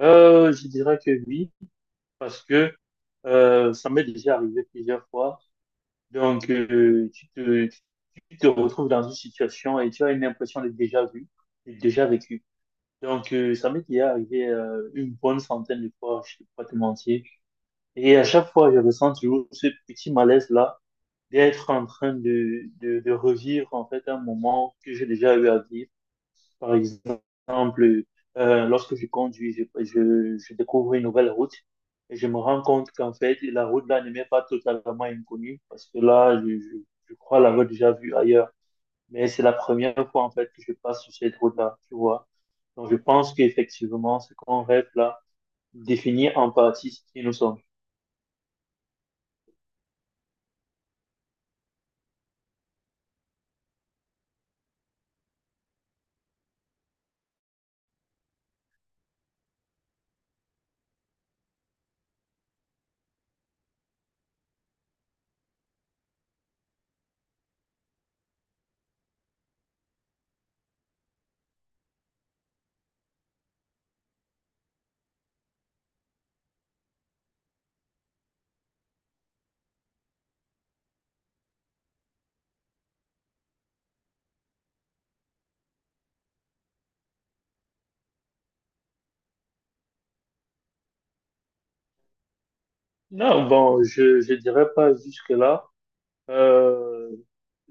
Je dirais que oui, parce que ça m'est déjà arrivé plusieurs fois. Donc, tu te retrouves dans une situation et tu as une impression d'être déjà vu, d'être déjà vécu. Donc, ça m'est déjà arrivé une bonne centaine de fois, je ne vais pas te mentir. Et à chaque fois, je ressens toujours ce petit malaise-là d'être en train de revivre en fait un moment que j'ai déjà eu à vivre, par exemple, lorsque je conduis, je découvre une nouvelle route et je me rends compte qu'en fait, la route là ne m'est pas totalement inconnue parce que là, je crois l'avoir déjà vue ailleurs. Mais c'est la première fois en fait que je passe sur cette route-là, tu vois. Donc je pense qu'effectivement, ce qu'on rêve là définit en partie ce qui nous sommes. Non, bon, je dirais pas jusque-là. Euh,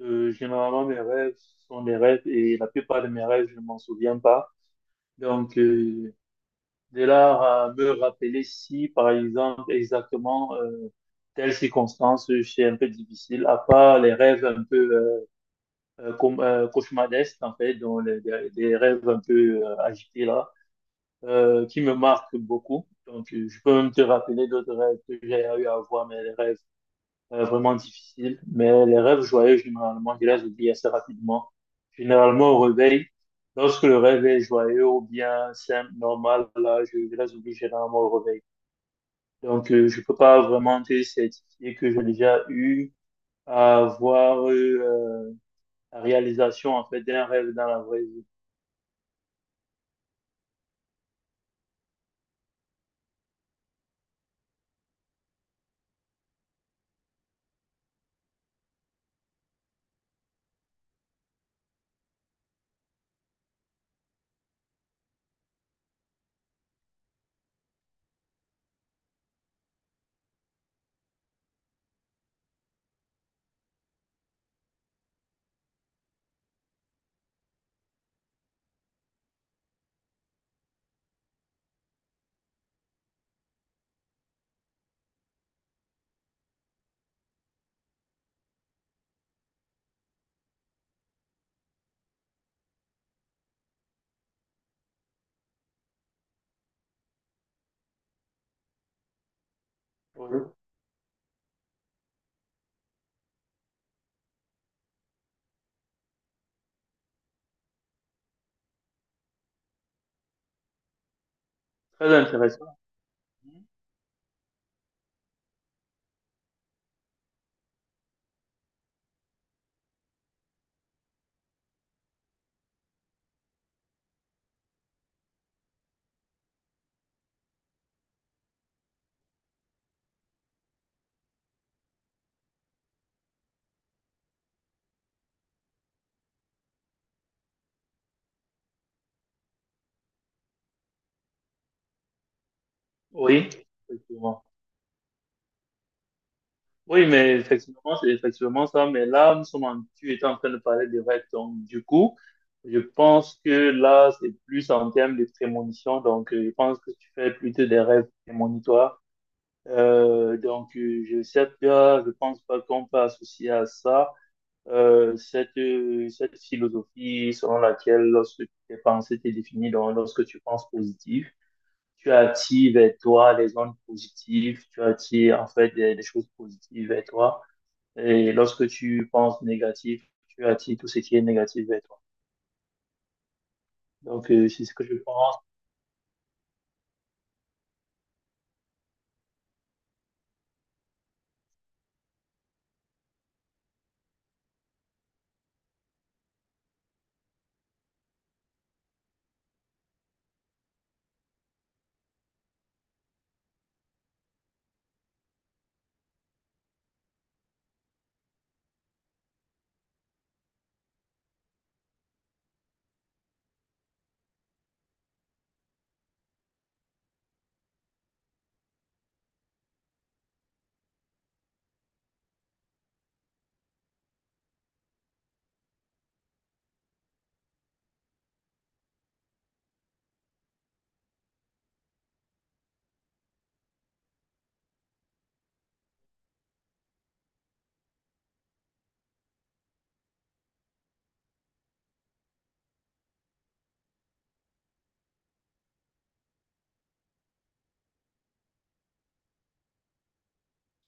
Généralement, mes rêves sont des rêves et la plupart de mes rêves, je ne m'en souviens pas. Donc, de là à me rappeler si, par exemple, exactement telle circonstance, c'est un peu difficile, à part les rêves un peu cauchemardesques, en fait, dont les rêves un peu agités là, qui me marquent beaucoup. Donc, je peux même te rappeler d'autres rêves que j'ai eu à voir, mais les rêves vraiment difficile. Mais les rêves joyeux, généralement, je les oublie assez rapidement. Généralement, au réveil, lorsque le rêve est joyeux ou bien simple, normal, là, je les oublie généralement au réveil. Donc, je peux pas vraiment te certifier que j'ai déjà eu à avoir eu la réalisation, en fait, d'un rêve dans la vraie vie. Oui. Très intéressant. Oui, effectivement. Oui, mais effectivement, c'est effectivement ça. Mais là, tu étais en train de parler des règles. Donc, du coup, je pense que là, c'est plus en termes de prémonition. Donc, je pense que tu fais plutôt des rêves prémonitoires. Donc, je sais pas, je pense pas qu'on peut associer à ça cette, cette philosophie selon laquelle lorsque tes pensées t'es définies, donc lorsque tu penses positif, tu attires vers toi les ondes positives, tu attires en fait des choses positives vers toi. Et lorsque tu penses négatif, tu attires tout ce qui est négatif vers toi. Donc, c'est ce que je pense.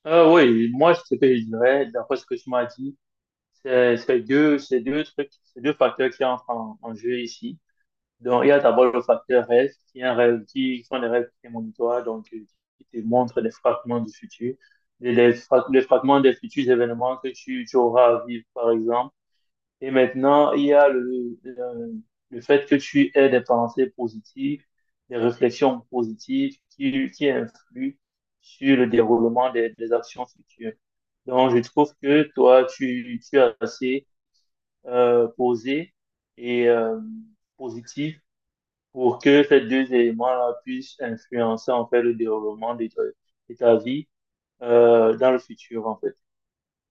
Ah oui, moi, ce que je dirais, d'après ce que tu m'as dit, c'est c'est deux trucs, c'est deux facteurs qui entrent en jeu ici. Donc, il y a d'abord le facteur rêve, qui est un rêve, qui sont des rêves prémonitoires, donc, qui te montrent des fragments du futur, les fragments des futurs événements que tu auras à vivre, par exemple. Et maintenant, il y a le fait que tu aies des pensées positives, des réflexions positives qui influent sur le déroulement des actions futures. Donc, je trouve que toi, tu es assez posé et positif pour que ces deux éléments-là puissent influencer en fait le déroulement de ta vie dans le futur en fait.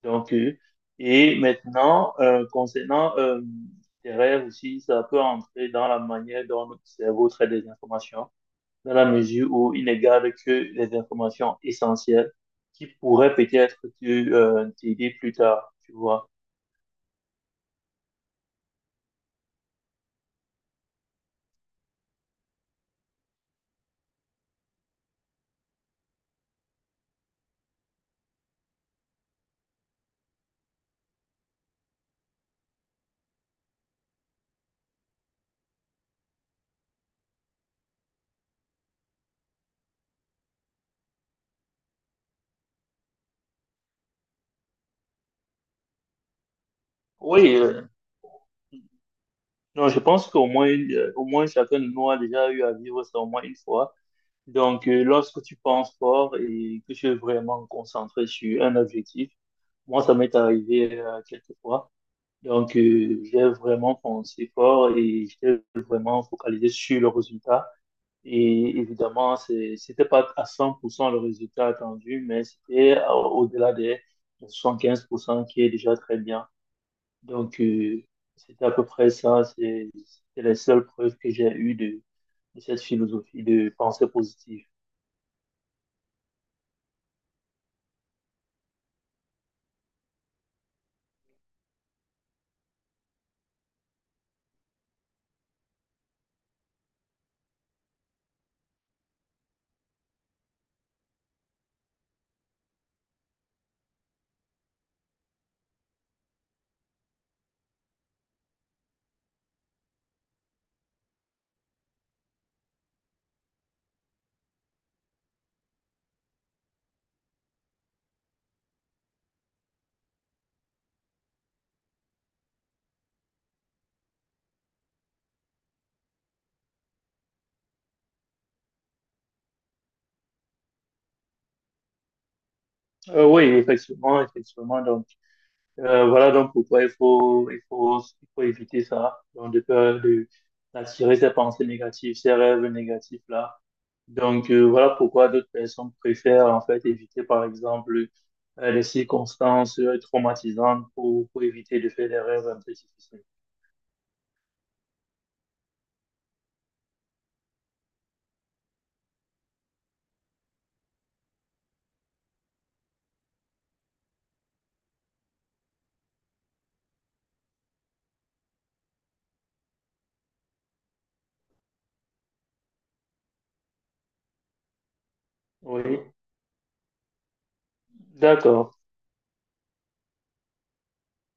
Donc, euh, et maintenant, concernant tes rêves aussi, ça peut entrer dans la manière dont notre cerveau traite des informations, dans la mesure où il ne garde que les informations essentielles qui pourraient peut-être te, t'aider plus tard, tu vois. Oui, euh, non, je pense qu'au moins, au moins chacun de nous a déjà eu à vivre ça au moins une fois. Donc, lorsque tu penses fort et que tu es vraiment concentré sur un objectif, moi, ça m'est arrivé quelques fois. Donc, j'ai vraiment pensé fort et j'étais vraiment focalisé sur le résultat. Et évidemment, c'était pas à 100% le résultat attendu, mais c'était à- au-delà des 75% qui est déjà très bien. Donc, c'était à peu près ça. C'est la seule preuve que j'ai eue de cette philosophie de pensée positive. Oui, effectivement, effectivement. Voilà donc pourquoi il faut éviter ça. Donc, d'attirer ces pensées négatives, ces rêves négatifs là. Donc, voilà pourquoi d'autres personnes préfèrent en fait éviter par exemple les circonstances traumatisantes pour éviter de faire des rêves un peu difficiles. Oui, d'accord.